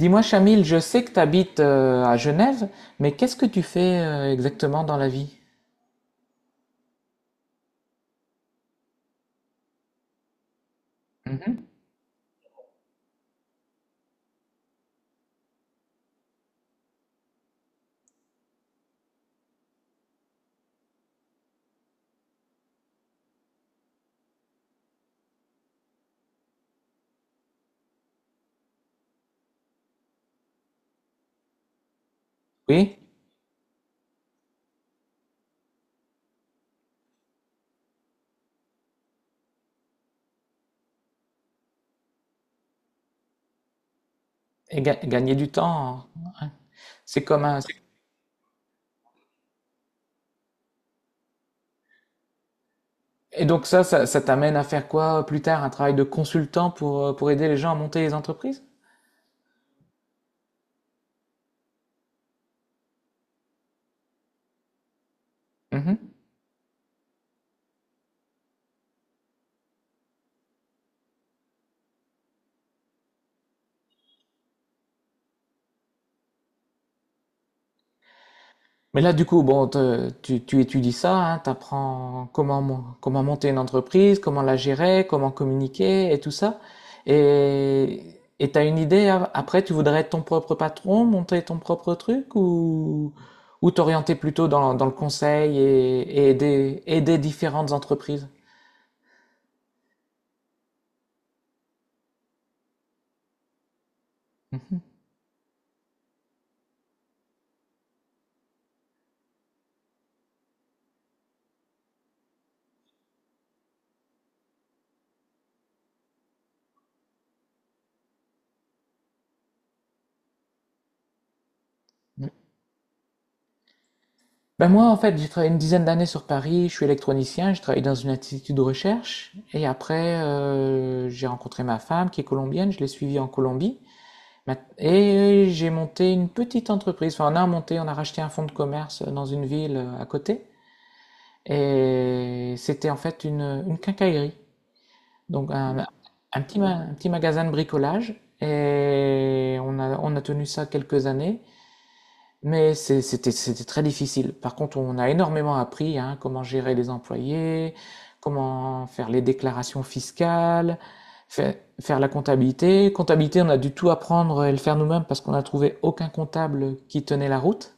Dis-moi, Chamil, je sais que tu habites à Genève, mais qu'est-ce que tu fais exactement dans la vie? Mhm. Oui, et gagner du temps, hein. Ouais. C'est comme un. Et donc ça t'amène à faire quoi plus tard? Un travail de consultant pour aider les gens à monter les entreprises? Mais là, du coup, bon, tu étudies ça, hein, t'apprends comment, comment monter une entreprise, comment la gérer, comment communiquer et tout ça. Et t'as une idée, après, tu voudrais être ton propre patron, monter ton propre truc ou t'orienter plutôt dans le conseil et aider différentes entreprises? Mhm. Ouais. Ben moi, en fait, j'ai travaillé une dizaine d'années sur Paris, je suis électronicien, je travaille dans une institut de recherche et après, j'ai rencontré ma femme qui est colombienne, je l'ai suivie en Colombie. Et j'ai monté une petite entreprise. Enfin, on a monté, on a racheté un fonds de commerce dans une ville à côté. Et c'était en fait une quincaillerie. Donc, un un petit magasin de bricolage. Et on a tenu ça quelques années. Mais c'était très difficile. Par contre, on a énormément appris, hein, comment gérer les employés, comment faire les déclarations fiscales, fa- faire la comptabilité. Comptabilité, on a dû tout apprendre et le faire nous-mêmes parce qu'on n'a trouvé aucun comptable qui tenait la route.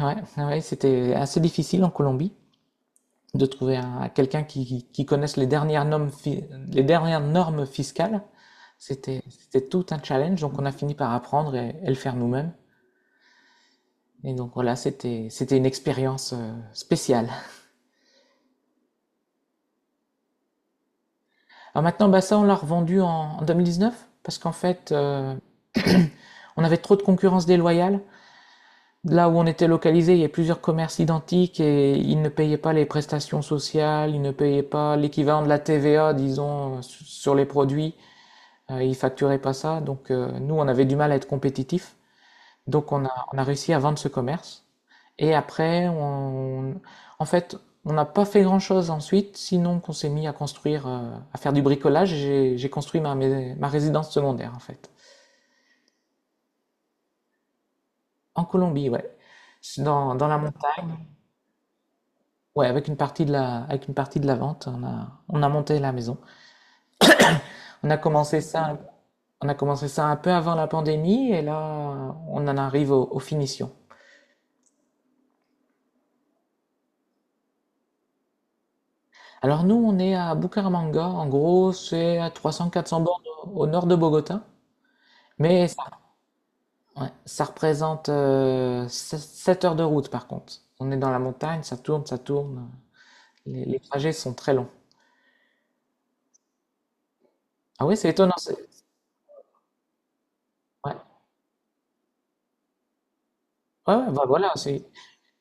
Ouais, ouais, c'était assez difficile en Colombie de trouver quelqu'un qui connaisse les dernières normes fiscales. C'était tout un challenge, donc on a fini par apprendre et le faire nous-mêmes. Et donc voilà, c'était une expérience spéciale. Alors maintenant, bah ça, on l'a revendu en 2019 parce qu'en fait, on avait trop de concurrence déloyale. Là où on était localisé, il y avait plusieurs commerces identiques et ils ne payaient pas les prestations sociales, ils ne payaient pas l'équivalent de la TVA, disons, sur les produits. Ils facturaient pas ça. Donc nous, on avait du mal à être compétitifs. Donc on a réussi à vendre ce commerce. Et après, en fait, on n'a pas fait grand-chose ensuite, sinon qu'on s'est mis à construire, à faire du bricolage. J'ai construit ma résidence secondaire, en fait. En Colombie, ouais. C'est dans la montagne. Ouais, avec une partie de la, avec une partie de la vente, on a monté la maison. On a commencé ça, on a commencé ça un peu avant la pandémie, et là, on en arrive aux finitions. Alors nous, on est à Bucaramanga. En gros, c'est à 300-400 bornes au nord de Bogota. Mais ça. Ouais, ça représente heures de route par contre. On est dans la montagne, ça tourne, ça tourne. Les trajets sont très longs. Ah oui, c'est étonnant. Ouais, ouais, ouais, bah voilà.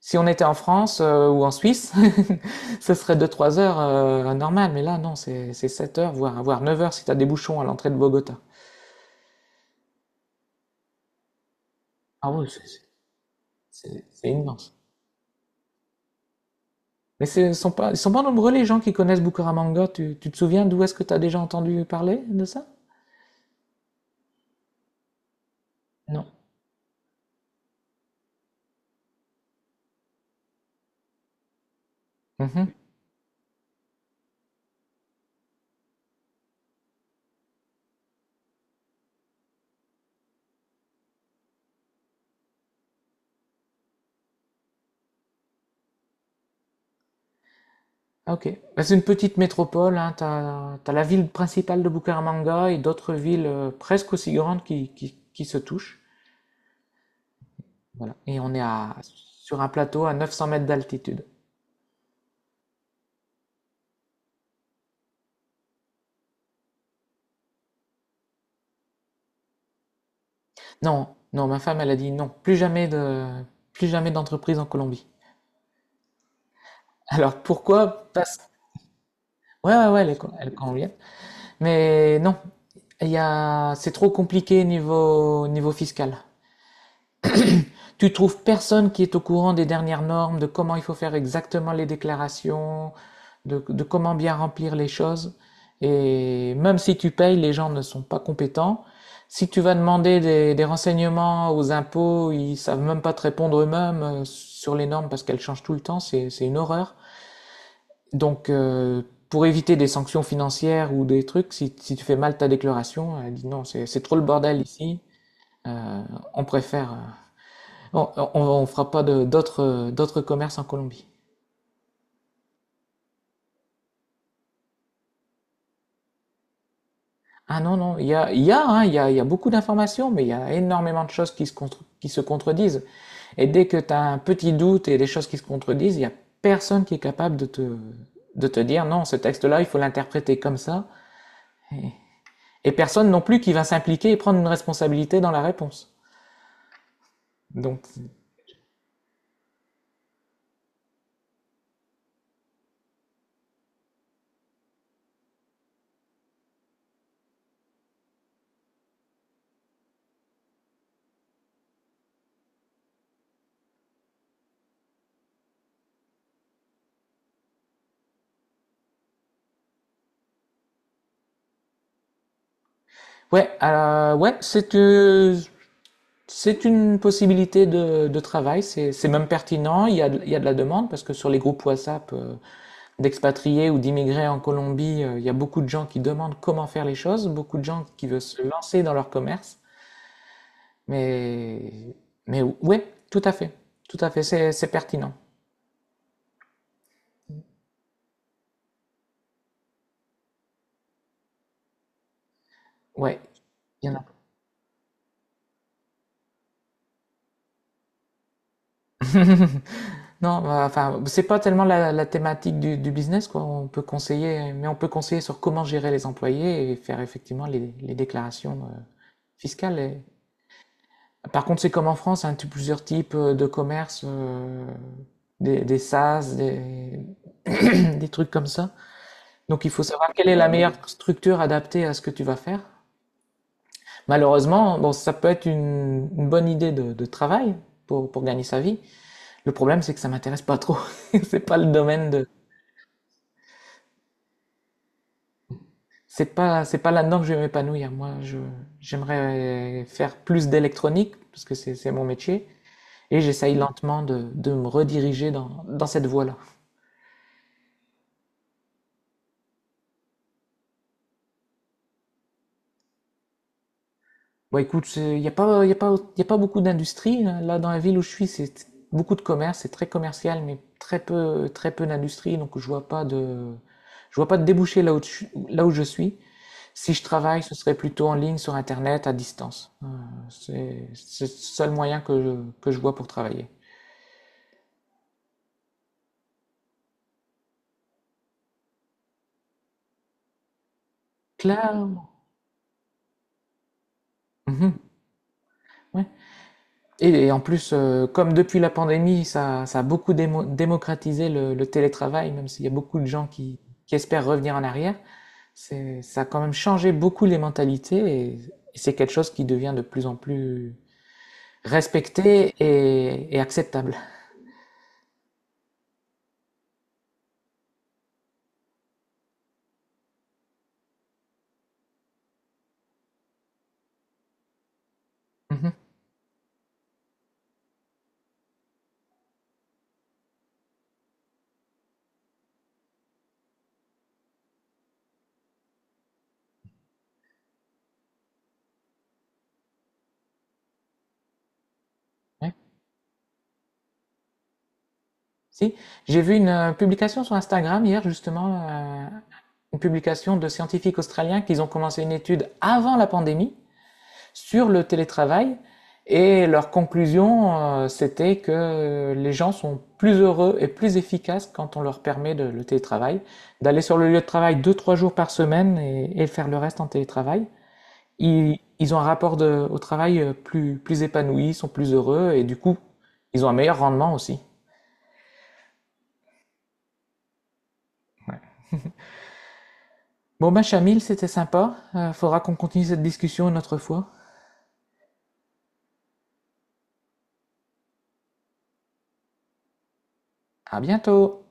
Si on était en France ou en Suisse, ce serait 2-3 heures normal. Mais là, non, c'est 7 heures, voire 9 heures si tu as des bouchons à l'entrée de Bogota. Ah oui, c'est immense. Mais ce sont pas, ils sont pas nombreux les gens qui connaissent Bucaramanga. Tu te souviens d'où est-ce que tu as déjà entendu parler de ça? Non. Mhm. Ah, ok. Bah, c'est une petite métropole, hein. T'as la ville principale de Bucaramanga et d'autres villes presque aussi grandes qui se touchent. Voilà. Et on est sur un plateau à 900 mètres d'altitude. Non, non, ma femme, elle a dit non, plus jamais d'entreprise en Colombie. Alors pourquoi? Ouais, ouais, ouais, elle est colombienne. Mais non, c'est trop compliqué niveau fiscal. Tu trouves personne qui est au courant des dernières normes, de comment il faut faire exactement les déclarations, de comment bien remplir les choses. Et même si tu payes, les gens ne sont pas compétents. Si tu vas demander des renseignements aux impôts, ils savent même pas te répondre eux-mêmes sur les normes parce qu'elles changent tout le temps, c'est une horreur. Donc, pour éviter des sanctions financières ou des trucs, si tu fais mal ta déclaration, elle dit non, c'est trop le bordel ici, euh, on préfère bon, on fera pas d'autres commerces en Colombie. Ah non, non, hein, il y a beaucoup d'informations, mais il y a énormément de choses qui se contredisent. Et dès que tu as un petit doute et des choses qui se contredisent, il y a personne qui est capable de te dire non, ce texte-là, il faut l'interpréter comme ça. Et, et personne non plus qui va s'impliquer et prendre une responsabilité dans la réponse. Donc, ouais, ouais, c'est une possibilité de travail, c'est même pertinent, il y a de la demande parce que sur les groupes WhatsApp d'expatriés ou d'immigrés en Colombie, il y a beaucoup de gens qui demandent comment faire les choses, beaucoup de gens qui veulent se lancer dans leur commerce. Mais, mais ouais, tout à fait, c'est pertinent. Ouais, il y en a. Non, enfin, c'est pas tellement la thématique du business, quoi. On peut conseiller, mais on peut conseiller sur comment gérer les employés et faire effectivement les déclarations fiscales. Par contre, c'est comme en France, hein, tu as plusieurs types de commerces, des SAS, des trucs comme ça. Donc, il faut savoir quelle est la meilleure structure adaptée à ce que tu vas faire. Malheureusement, bon, ça peut être une bonne idée de travail pour gagner sa vie. Le problème, c'est que ça m'intéresse pas trop. C'est pas le domaine de C'est pas là-dedans que je vais m'épanouir. Moi, j'aimerais faire plus d'électronique, parce que c'est mon métier, et j'essaye lentement de me rediriger dans cette voie-là. Bon, écoute, il n'y a pas, y a pas, y a pas beaucoup d'industrie, hein. Là, dans la ville où je suis, c'est beaucoup de commerce, c'est très commercial, mais très peu d'industrie, donc je vois pas de débouché là où je suis. Si je travaille, ce serait plutôt en ligne, sur Internet, à distance. C'est le seul moyen que je vois pour travailler. Clairement. Mmh. Ouais, et en plus, comme depuis la pandémie, ça a beaucoup démocratisé le télétravail, même s'il y a beaucoup de gens qui espèrent revenir en arrière, c'est ça a quand même changé beaucoup les mentalités et et c'est quelque chose qui devient de plus en plus respecté et acceptable. Mmh. Ouais. Si, j'ai vu publication sur Instagram hier justement, heu, une publication de scientifiques australiens qu'ils ont commencé une étude avant la pandémie sur le télétravail. Et leur conclusion, c'était que les gens sont plus heureux et plus efficaces quand on leur permet le télétravail, d'aller sur le lieu de travail 2-3 jours par semaine et faire le reste en télétravail. Ils ont un rapport au travail plus épanoui, sont plus heureux et du coup, ils ont un meilleur rendement aussi. Bon, bah, Chamil, c'était sympa. Faudra qu'on continue cette discussion une autre fois. À bientôt!